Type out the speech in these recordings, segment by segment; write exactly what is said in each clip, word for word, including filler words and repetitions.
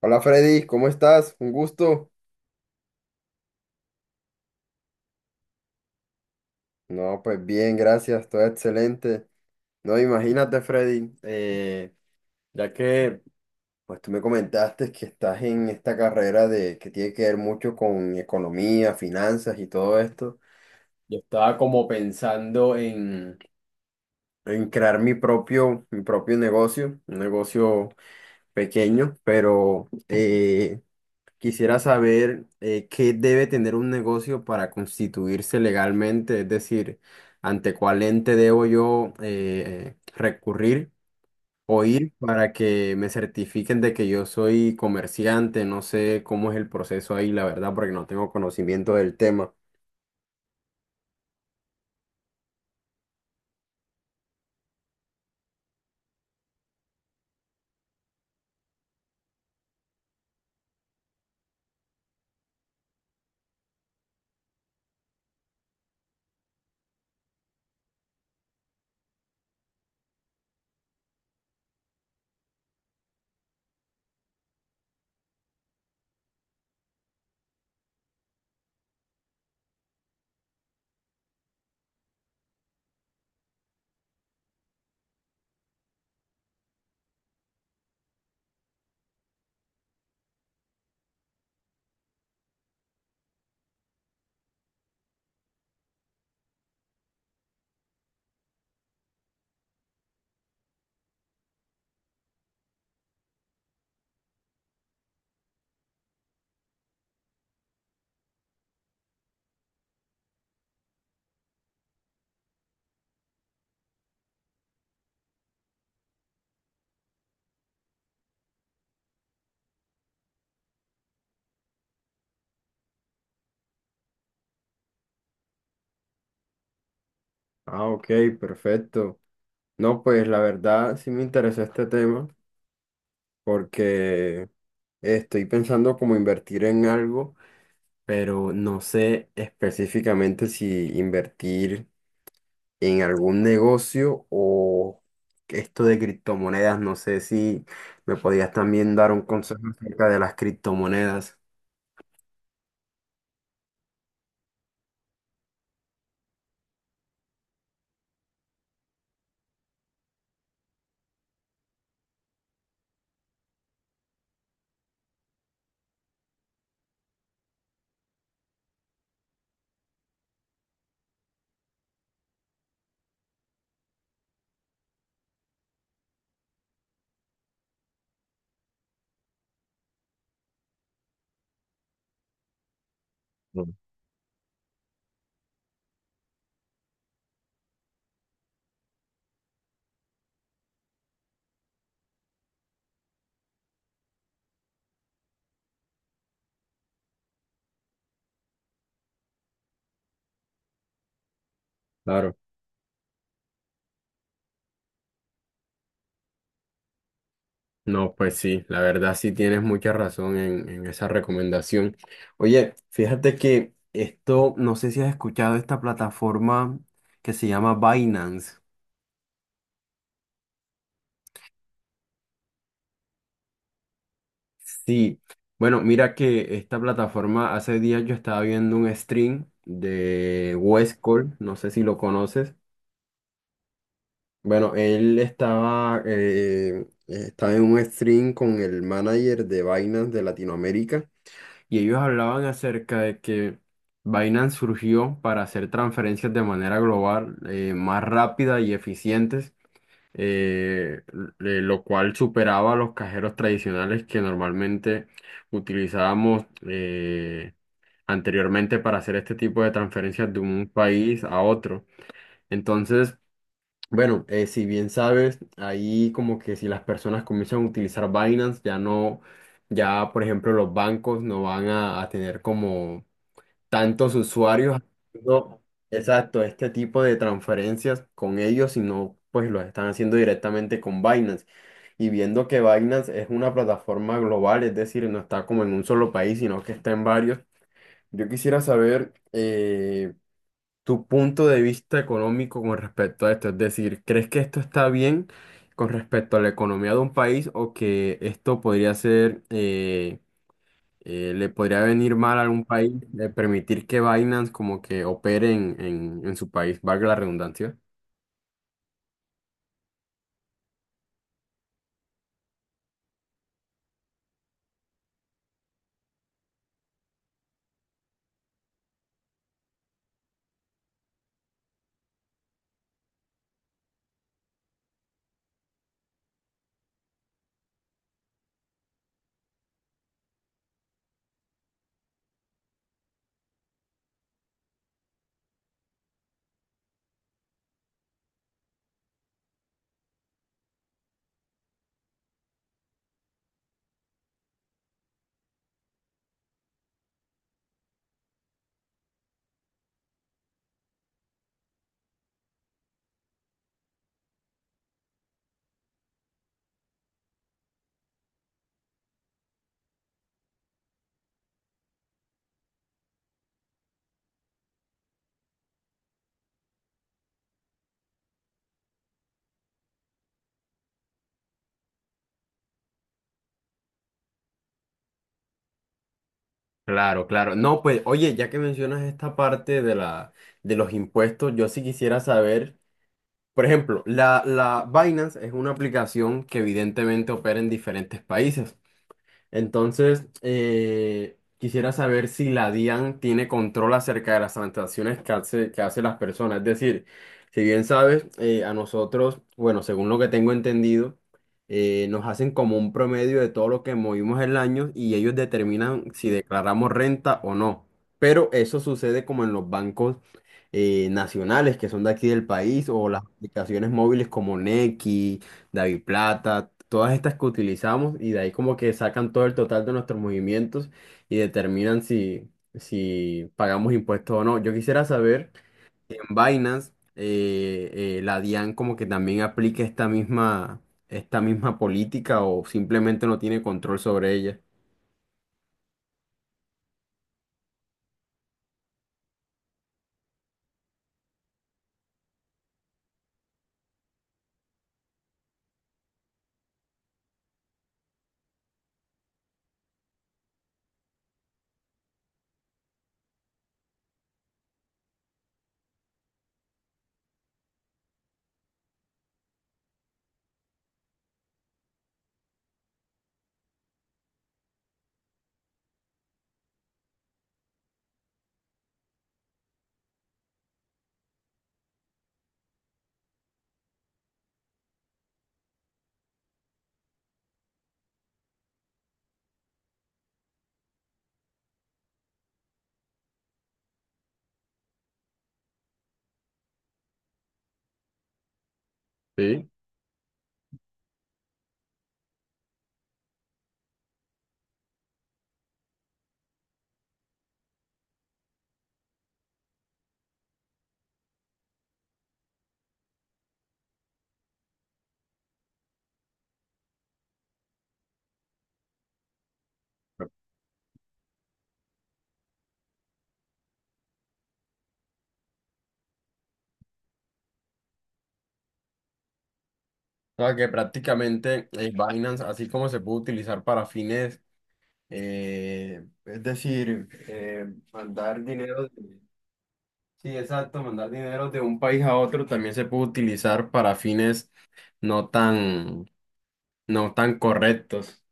Hola Freddy, ¿cómo estás? Un gusto. No, pues bien, gracias, todo excelente. No, imagínate Freddy, eh, ya que pues tú me comentaste que estás en esta carrera de que tiene que ver mucho con economía, finanzas y todo esto. Yo estaba como pensando en, en crear mi propio, mi propio negocio, un negocio pequeño, pero eh, quisiera saber eh, qué debe tener un negocio para constituirse legalmente, es decir, ante cuál ente debo yo eh, recurrir o ir para que me certifiquen de que yo soy comerciante. No sé cómo es el proceso ahí, la verdad, porque no tengo conocimiento del tema. Ah, ok, perfecto. No, pues la verdad sí me interesó este tema porque estoy pensando como invertir en algo, pero no sé específicamente si invertir en algún negocio o esto de criptomonedas. No sé si me podías también dar un consejo acerca de las criptomonedas. Mm. Claro. No, pues sí, la verdad sí tienes mucha razón en, en esa recomendación. Oye, fíjate que esto, no sé si has escuchado esta plataforma que se llama Binance. Sí, bueno, mira que esta plataforma, hace días yo estaba viendo un stream de Wes Cole, no sé si lo conoces. Bueno, él estaba, eh, estaba en un stream con el manager de Binance de Latinoamérica y ellos hablaban acerca de que Binance surgió para hacer transferencias de manera global, eh, más rápida y eficientes eh, eh, lo cual superaba a los cajeros tradicionales que normalmente utilizábamos eh, anteriormente para hacer este tipo de transferencias de un país a otro. Entonces, bueno, eh, si bien sabes, ahí como que si las personas comienzan a utilizar Binance, ya no, ya por ejemplo los bancos no van a, a tener como tantos usuarios haciendo, exacto, este tipo de transferencias con ellos, sino pues lo están haciendo directamente con Binance. Y viendo que Binance es una plataforma global, es decir, no está como en un solo país, sino que está en varios. Yo quisiera saber eh, tu punto de vista económico con respecto a esto. Es decir, ¿crees que esto está bien con respecto a la economía de un país o que esto podría ser eh, eh, le podría venir mal a algún país de permitir que Binance como que opere en, en- en su país, valga la redundancia. Claro, claro. No, pues, oye, ya que mencionas esta parte de la, de los impuestos, yo sí quisiera saber, por ejemplo, la, la Binance es una aplicación que evidentemente opera en diferentes países. Entonces, eh, quisiera saber si la D I A N tiene control acerca de las transacciones que hace, que hacen las personas. Es decir, si bien sabes, eh, a nosotros, bueno, según lo que tengo entendido, eh, nos hacen como un promedio de todo lo que movimos el año y ellos determinan si declaramos renta o no. Pero eso sucede como en los bancos eh, nacionales que son de aquí del país o las aplicaciones móviles como Nequi, David Plata, todas estas que utilizamos y de ahí como que sacan todo el total de nuestros movimientos y determinan si, si pagamos impuestos o no. Yo quisiera saber, si en Binance, eh, eh, la D I A N como que también aplica esta misma, esta misma política o simplemente no tiene control sobre ella. Sí. O sea, que prácticamente eh, Binance, así como se puede utilizar para fines, eh, es decir, eh, mandar dinero. Sí, exacto, mandar dinero de un país a otro también se puede utilizar para fines no tan, no tan correctos.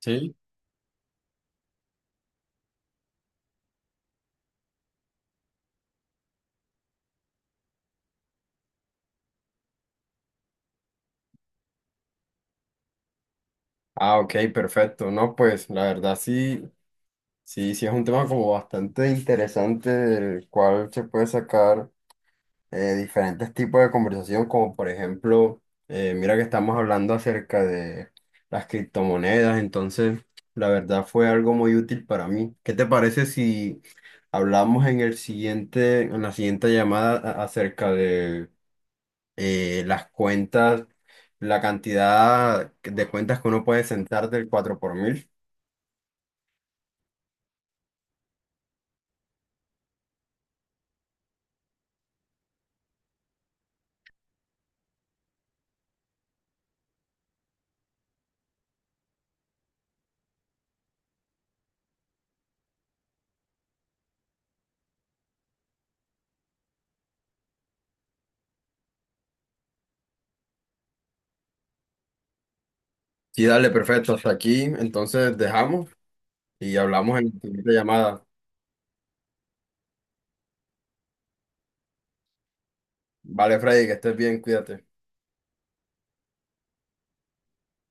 Sí. Ah, ok, perfecto. No, pues la verdad sí, sí, sí es un tema como bastante interesante del cual se puede sacar eh, diferentes tipos de conversación, como por ejemplo, eh, mira que estamos hablando acerca de las criptomonedas, entonces la verdad fue algo muy útil para mí. ¿Qué te parece si hablamos en el siguiente, en la siguiente llamada a- acerca de eh, las cuentas, la cantidad de cuentas que uno puede sentar del cuatro por mil? Sí, dale, perfecto, hasta aquí, entonces dejamos y hablamos en la siguiente llamada. Vale, Freddy, que estés bien, cuídate.